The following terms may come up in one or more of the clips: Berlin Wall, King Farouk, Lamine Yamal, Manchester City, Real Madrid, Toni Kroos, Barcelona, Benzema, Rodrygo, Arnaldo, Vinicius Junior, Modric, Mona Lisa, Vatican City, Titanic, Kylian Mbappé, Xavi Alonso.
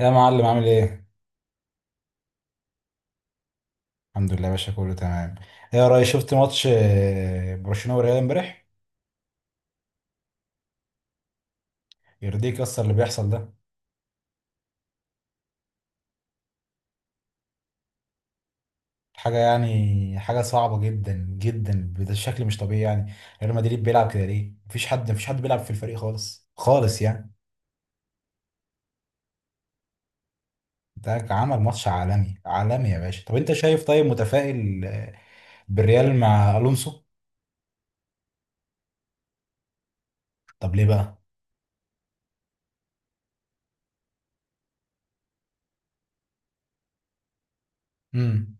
يا معلم، عامل ايه؟ الحمد لله يا باشا، كله تمام. ايه يا ريس، شفت ماتش برشلونة وريال امبارح؟ يرضيك اصلا اللي بيحصل ده؟ حاجة يعني حاجة صعبة جدا جدا بشكل مش طبيعي يعني. ريال مدريد بيلعب كده ليه؟ مفيش حد بيلعب في الفريق خالص خالص يعني. ده عمل ماتش عالمي عالمي يا باشا. طب انت شايف، طيب، متفائل بالريال مع الونسو؟ طب ليه بقى؟ امم.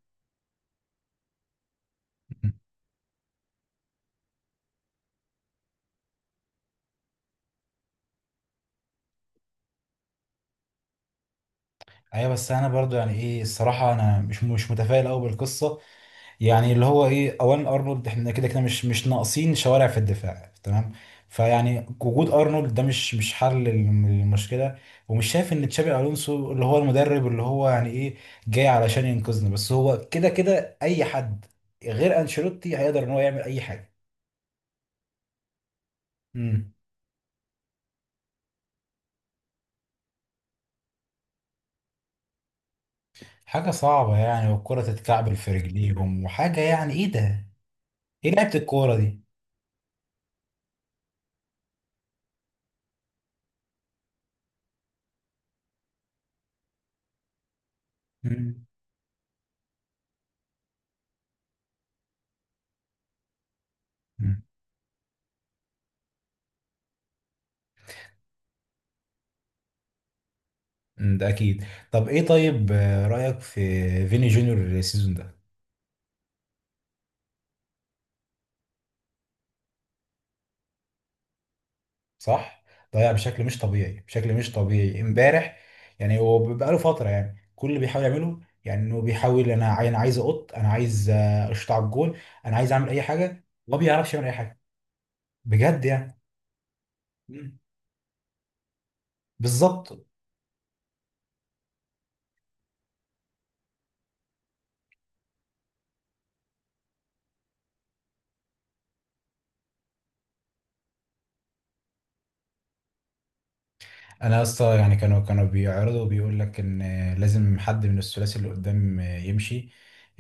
ايوه بس انا برضو يعني ايه الصراحة انا مش متفائل قوي بالقصة. يعني اللي هو ايه، اولا ارنولد، احنا كده كده مش ناقصين شوارع في الدفاع تمام. فيعني وجود ارنولد ده مش حل للمشكله. ومش شايف ان تشابي الونسو اللي هو المدرب اللي هو يعني ايه جاي علشان ينقذنا، بس هو كده كده اي حد غير انشيلوتي هيقدر ان هو يعمل اي حاجه. امم. حاجه صعبه يعني، والكره تتكعبل في رجليهم، وحاجه يعني ايه ده، ايه لعبه الكوره دي. امم. امم، ده اكيد. طب ايه طيب رايك في فيني جونيور السيزون ده؟ صح. ضيع بشكل مش طبيعي، بشكل مش طبيعي امبارح. يعني هو بقاله فتره يعني كل اللي بيحاول يعمله يعني انه بيحاول، انا عايز اشطع الجون، انا عايز اعمل اي حاجه، ما بيعرفش يعمل اي حاجه بجد يعني. مم. بالظبط. انا يا اسطى يعني كانوا بيعرضوا بيقول لك ان لازم حد من الثلاثي اللي قدام يمشي.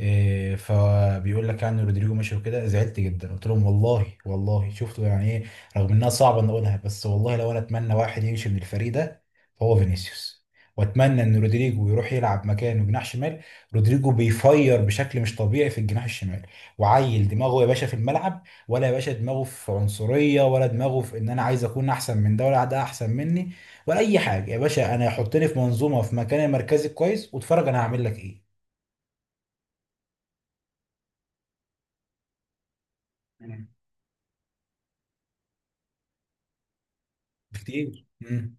إيه، فبيقول لك يعني رودريجو مشي. وكده زعلت جدا قلت لهم والله والله شفتوا يعني ايه. رغم انها صعبه ان اقولها، بس والله لو انا اتمنى واحد يمشي من الفريق ده فهو فينيسيوس. واتمنى ان رودريجو يروح يلعب مكانه جناح شمال. رودريجو بيفير بشكل مش طبيعي في الجناح الشمال، وعيل دماغه يا باشا في الملعب. ولا يا باشا دماغه في عنصريه، ولا دماغه في ان انا عايز اكون احسن من ده، ولا ده احسن مني، ولا اي حاجه. يا باشا انا حطني في منظومه، في مكان مركزي كويس، واتفرج انا هعمل لك ايه. مم. بكتير. امم.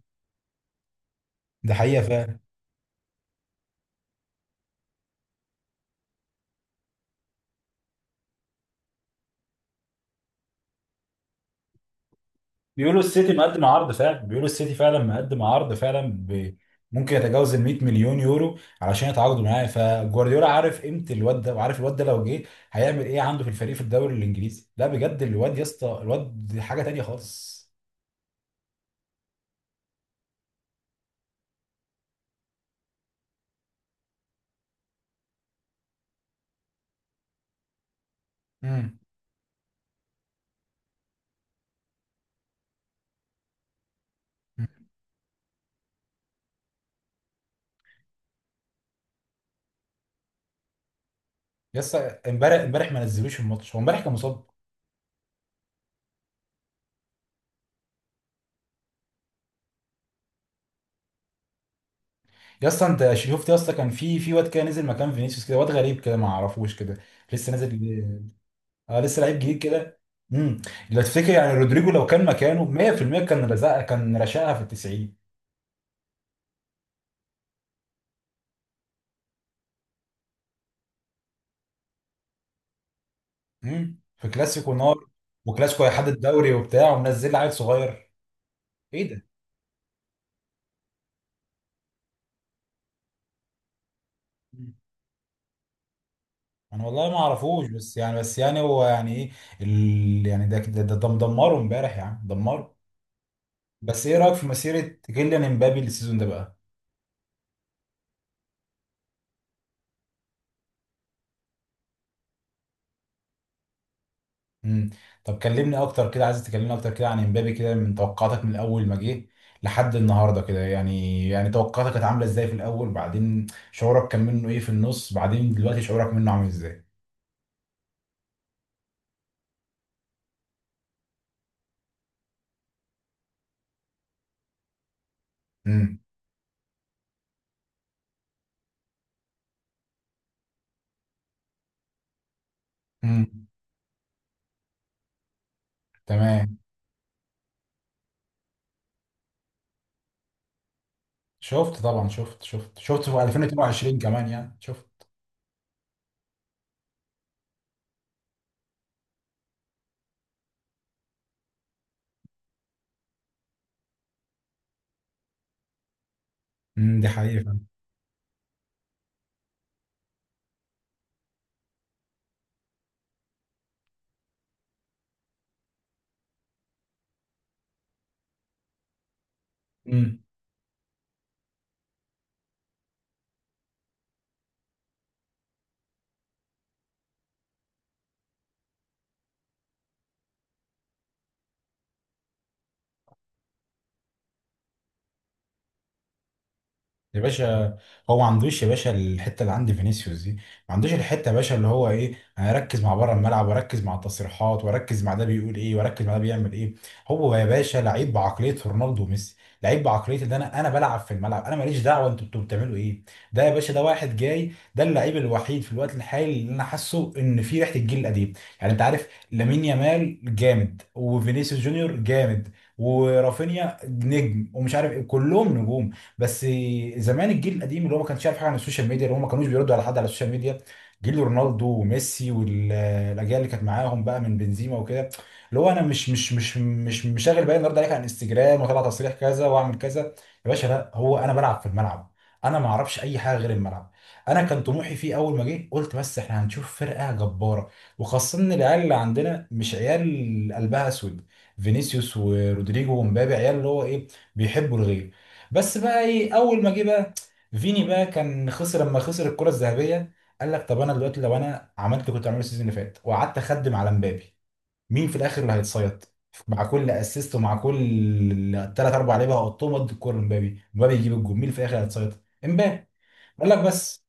ده حقيقه فعلا. بيقولوا السيتي مقدم عرض فعلا، بيقولوا السيتي فعلا مقدم عرض فعلا. ممكن يتجاوز ال 100 مليون يورو علشان يتعاقدوا معاه. فجوارديولا عارف قيمه الواد ده، وعارف الواد ده لو جه هيعمل ايه عنده في الفريق في الدوري الانجليزي. لا بجد الواد يا اسطى، الواد حاجه تانيه خالص. امم. يا اسطى امبارح، امبارح ما نزلوش الماتش، هو امبارح كان مصاب. يا اسطى انت شفت يا اسطى، كان في واد كده نزل مكان فينيسيوس، كده واد غريب كده ما اعرفوش كده، لسه نازل جديد. اه، لسه لعيب جديد كده. امم. لو تفتكر يعني رودريجو لو كان مكانه 100% كان رشقها في ال 90. امم. في كلاسيكو نار، وكلاسيكو هيحدد الدوري وبتاع، ومنزل لعيب صغير. ايه ده؟ مم. انا والله ما اعرفوش، بس يعني هو يعني ايه. يعني ده دمره امبارح يعني دمره. بس ايه رايك في مسيره كيليان امبابي السيزون ده بقى؟ مم. طب كلمني اكتر كده، عايز تكلمني اكتر كده عن امبابي كده، من توقعاتك من اول ما جه لحد النهارده كده، يعني توقعاتك كانت عامله ازاي في الاول، بعدين شعورك كان منه ايه في النص، بعدين دلوقتي شعورك منه عامل ازاي. امم. امم. تمام. شفت طبعا، شفت في 2022 كمان يعني شفت. امم. دي حقيقة. امم. يا باشا، هو ما عندوش يا باشا الحته اللي عند فينيسيوس دي، ما عندوش الحته يا باشا اللي هو ايه انا اركز مع بره الملعب، واركز مع التصريحات، واركز مع ده بيقول ايه، واركز مع ده بيعمل ايه. هو يا باشا لعيب بعقليه رونالدو وميسي. لعيب بعقليه ان انا بلعب في الملعب، انا ماليش دعوه انتوا بتبقوا بتعملوا ايه. ده يا باشا ده واحد جاي ده اللعيب الوحيد في الوقت الحالي اللي انا حاسه ان فيه ريحه الجيل القديم. يعني انت عارف لامين يامال جامد، وفينيسيوس جونيور جامد، ورافينيا نجم، ومش عارف ايه، كلهم نجوم. بس زمان الجيل القديم اللي هو ما كانش عارف حاجه عن السوشيال ميديا، اللي هم ما كانوش بيردوا على حد على السوشيال ميديا. جيل رونالدو وميسي والاجيال اللي كانت معاهم بقى من بنزيما وكده، اللي هو انا مش شاغل بالي النهارده عليك على الانستجرام، واطلع تصريح كذا واعمل كذا. يا باشا لا، هو انا بلعب في الملعب، انا ما اعرفش اي حاجه غير الملعب. انا كان طموحي فيه اول ما جه قلت بس احنا هنشوف فرقه جباره. وخاصه ان العيال اللي عندنا مش عيال قلبها اسود. فينيسيوس ورودريجو ومبابي عيال اللي هو ايه بيحبوا الغير. بس بقى ايه، اول ما جه بقى فيني بقى كان خسر، لما خسر الكره الذهبيه قال لك طب انا دلوقتي لو انا عملت اللي كنت عامله السيزون اللي فات وقعدت اخدم على مبابي، مين في الاخر اللي هيتصيد؟ مع كل اسيست ومع كل ثلاث اربع لعيبه هحطهم قد الكوره لمبابي، مبابي يجيب الجول، مين اللي في الاخر هيتصيد؟ امبابي. قال لك بس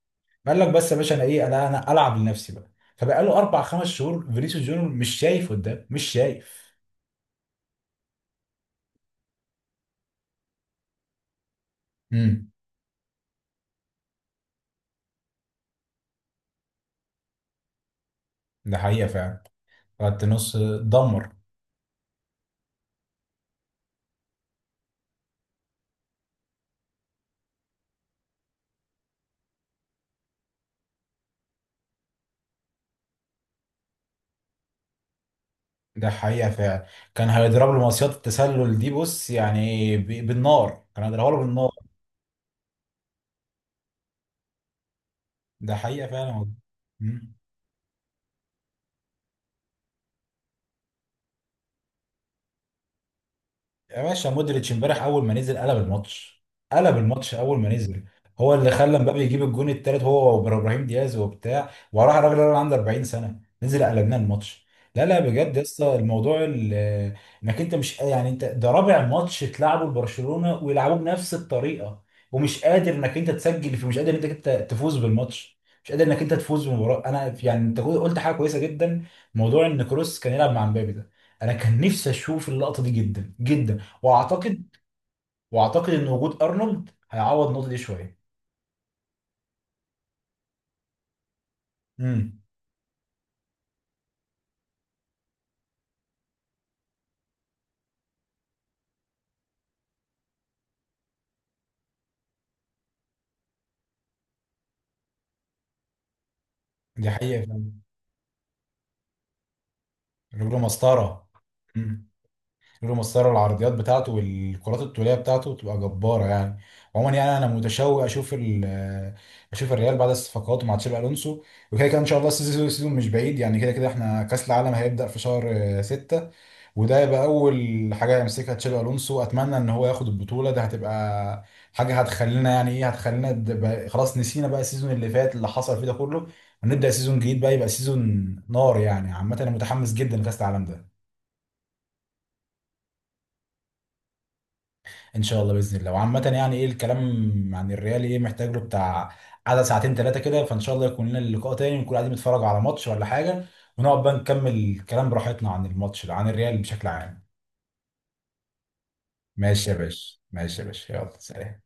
قال لك بس يا باشا انا ايه، انا العب لنفسي بقى. فبقى له اربع خمس شهور فينيسيوس جونيور مش شايف قدام، مش شايف. امم. ده حقيقه فعلا. خط نص. دمر. ده حقيقة فعلا. كان هيضرب له مصيدة التسلل دي بص، يعني بالنار كان هيضربها له بالنار. ده حقيقة فعلا والله. يا باشا مودريتش امبارح اول ما نزل قلب الماتش، قلب الماتش اول ما نزل. هو اللي خلى مبابي يجيب الجون التالت، هو وابراهيم دياز وبتاع، وراح الراجل اللي عنده 40 سنه نزل قلبنا الماتش. لا لا بجد يا اسطى، الموضوع. انك انت مش يعني انت ده رابع ماتش تلعبه لبرشلونه ويلعبوه بنفس الطريقه، ومش قادر انك انت تسجل فيه، مش قادر انك انت تفوز بالماتش، مش قادر انك انت تفوز بالمباراه. انا يعني انت قلت حاجه كويسه جدا، موضوع ان كروس كان يلعب مع مبابي ده، انا كان نفسي اشوف اللقطه دي جدا جدا. واعتقد ان وجود ارنولد هيعوض النقطه دي شويه. امم. دي حقيقه فعلا. رجله مسطره. امم. رجله مسطره، العرضيات بتاعته والكرات الطوليه بتاعته بتبقى جباره يعني. عموما يعني انا متشوق اشوف اشوف الريال بعد الصفقات مع تشابي الونسو. وكده كده ان شاء الله، السيزون مش بعيد يعني. كده كده احنا كاس العالم هيبدا في شهر 6، وده يبقى اول حاجه يمسكها تشابي الونسو، اتمنى ان هو ياخد البطوله ده، هتبقى حاجه هتخلينا يعني ايه هتخلينا خلاص نسينا بقى السيزون اللي فات اللي حصل فيه ده كله، ونبدا سيزون جديد بقى يبقى سيزون نار يعني. عامه انا متحمس جدا لكاس العالم ده. ان شاء الله باذن الله. وعامه يعني ايه الكلام عن الريال، ايه، محتاج له بتاع قعده ساعتين ثلاثه كده. فان شاء الله يكون لنا اللقاء تاني ونكون قاعدين نتفرج على ماتش ولا حاجه، ونقعد بقى نكمل الكلام براحتنا عن الماتش عن الريال بشكل عام. ماشي يا باشا، ماشي يا باشا، يلا سلام.